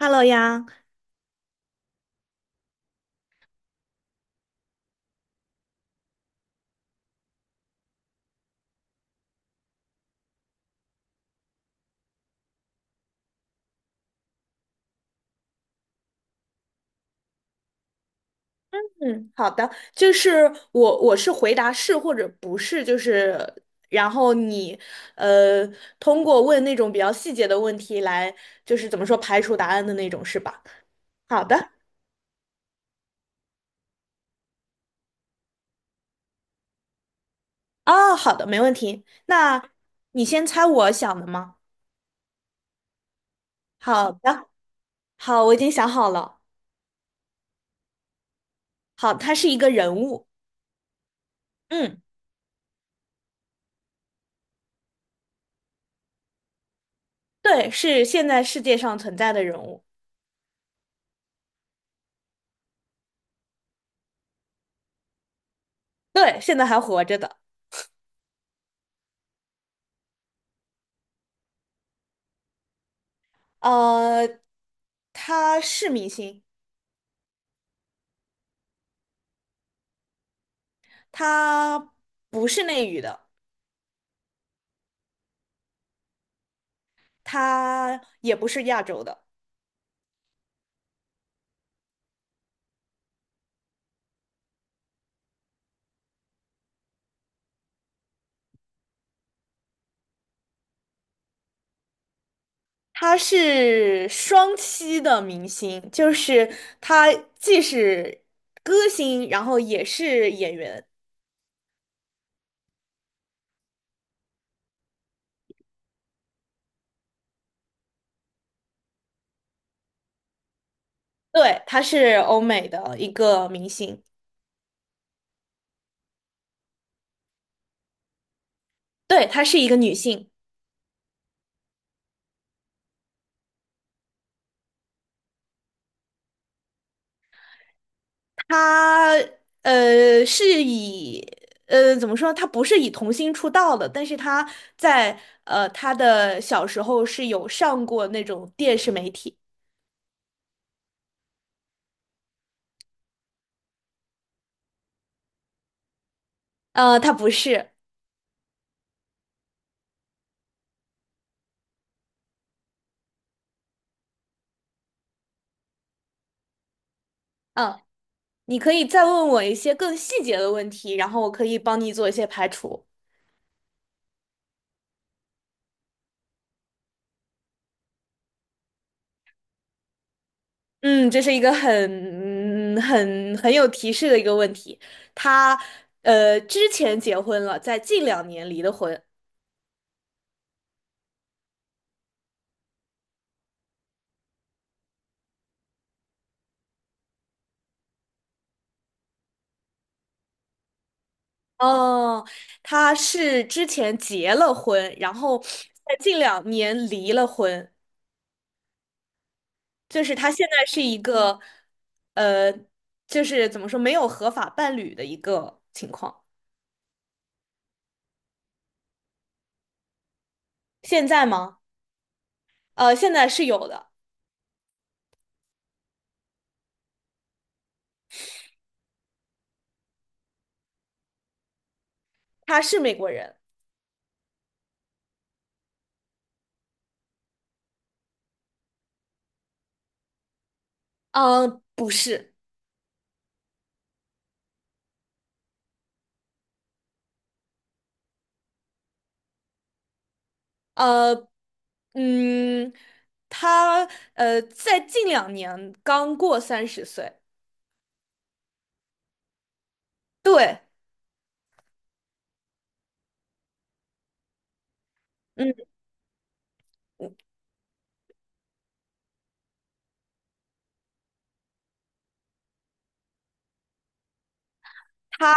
Hello 呀，嗯，好的，就是我是回答是或者不是，就是然后你呃通过问那种比较细节的问题来，就是怎么说排除答案的那种，是吧？好的，哦，好的，没问题。那你先猜我想的吗？好的，好，我已经想好了。好，他是一个人物，嗯，对，是现在世界上存在的人物，对，现在还活着的。呃，他是明星。他不是内娱的，他也不是亚洲的，他是双栖的明星，就是他既是歌星，然后也是演员。对，她是欧美的一个明星，对，她是一个女性，她是以怎么说，她不是以童星出道的，但是在她的小时候是有上过那种电视媒体，她不是。嗯。你可以再问我一些更细节的问题，然后我可以帮你做一些排除。嗯，这是一个很嗯很很有提示的一个问题。他之前结婚了，在近两年离的婚。哦，他是之前结了婚，然后在近两年离了婚，就是他现在是一个呃，就是怎么说没有合法伴侣的一个情况。现在吗？现在是有的，他是美国人。不是，呃，嗯，他在近两年刚过30岁，对，嗯，他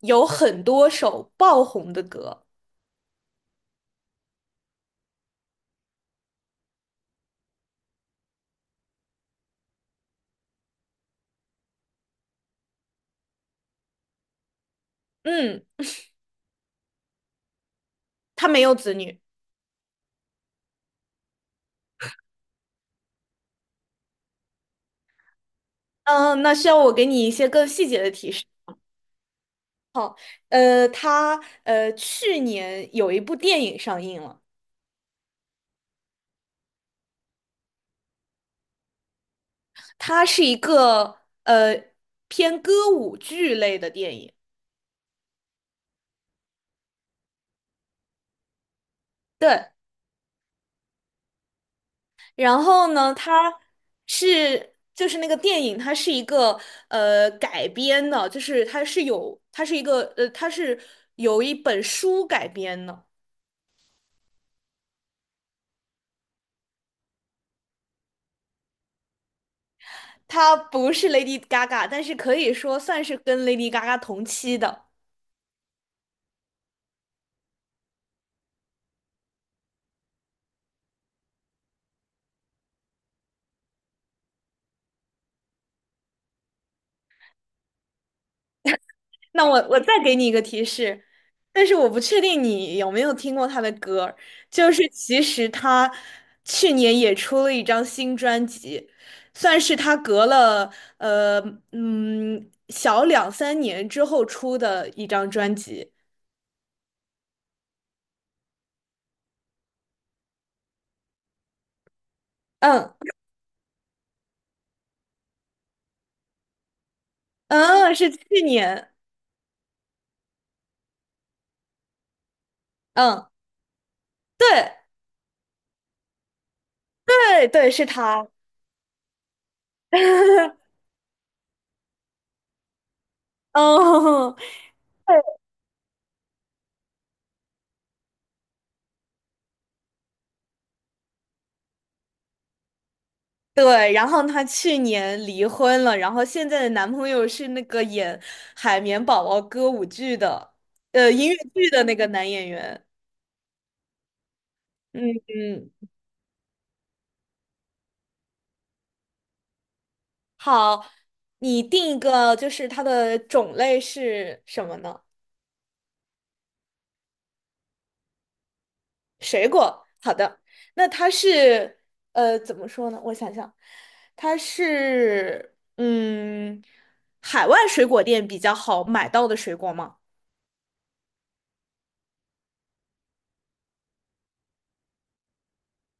有很多首爆红的歌，嗯，他没有子女，嗯、那需要我给你一些更细节的提示，他去年有一部电影上映了，它是一个偏歌舞剧类的电影，对，然后呢，它是就是那个电影，它是一个改编的，就是它是有一本书改编的，它不是 Lady Gaga，但是可以说算是跟 Lady Gaga 同期的。那我再给你一个提示，但是我不确定你有没有听过他的歌儿就是其实他去年也出了一张新专辑，算是他隔了呃小两三年之后出的一张专辑。嗯嗯，是去年，嗯，对对对，是他。哦，对，然后她去年离婚了，然后现在的男朋友是那个演《海绵宝宝》歌舞剧的，音乐剧的那个男演员。嗯嗯，好，你定一个，就是它的种类是什么呢？水果。好的，那它是怎么说呢？我想想，它是嗯，海外水果店比较好买到的水果吗？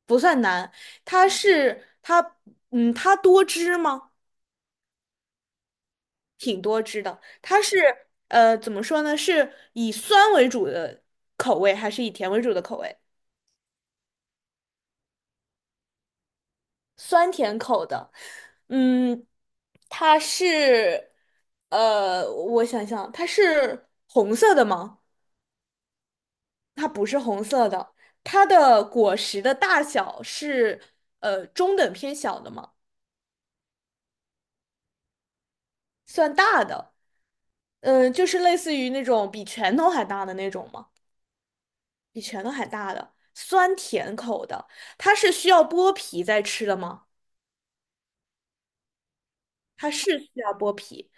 不算难，它是它，嗯，它多汁吗？挺多汁的。它是怎么说呢？是以酸为主的口味，还是以甜为主的口味？酸甜口的。嗯，它是我想想，它是红色的吗？它不是红色的。它的果实的大小是中等偏小的吗？算大的，嗯，就是类似于那种比拳头还大的那种吗？比拳头还大的，酸甜口的，它是需要剥皮再吃的吗？它是需要剥皮，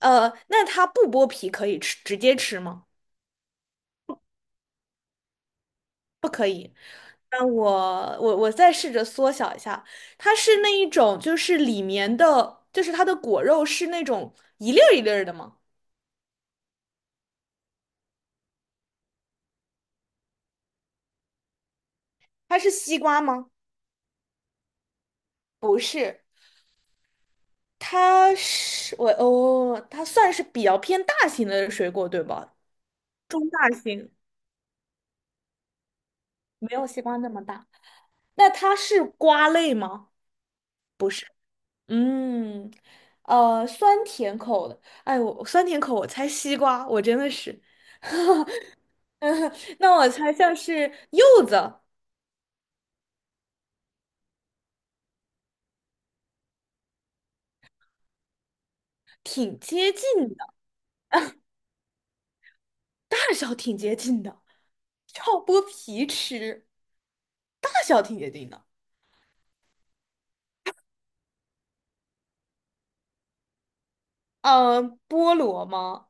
那它不剥皮可以吃，直接吃吗？可以。那我再试着缩小一下，它是那一种，就是里面的，就是它的果肉是那种一粒儿一粒儿的吗？它是西瓜吗？不是，它是我哦，它算是比较偏大型的水果，对吧？中大型，没有西瓜那么大。那它是瓜类吗？不是。嗯，酸甜口的。哎，我酸甜口，我猜西瓜，我真的是。那我猜像是柚子，挺接近的，大小挺接近的，要剥皮吃，大小挺接近的。嗯、菠萝吗？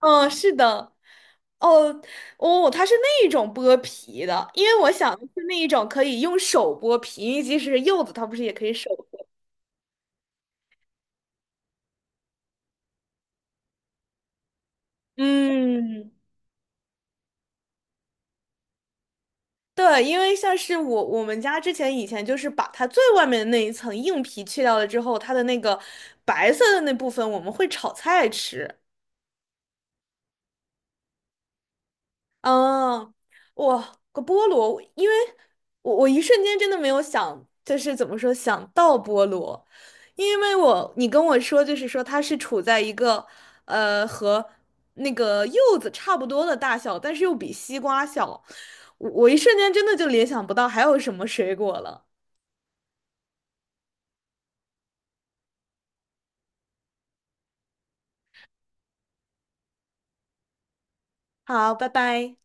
嗯，是的，哦，哦，它是那一种剥皮的，因为我想的是那一种可以用手剥皮，因为即使是柚子，它不是也可以手剥？嗯，对，因为像是我们家之前以前就是把它最外面的那一层硬皮去掉了之后，它的那个白色的那部分我们会炒菜吃。哦，我个菠萝，因为我一瞬间真的没有想，就是怎么说想到菠萝，因为你跟我说就是说它是处在一个和那个柚子差不多的大小，但是又比西瓜小，我一瞬间真的就联想不到还有什么水果了。好，拜拜。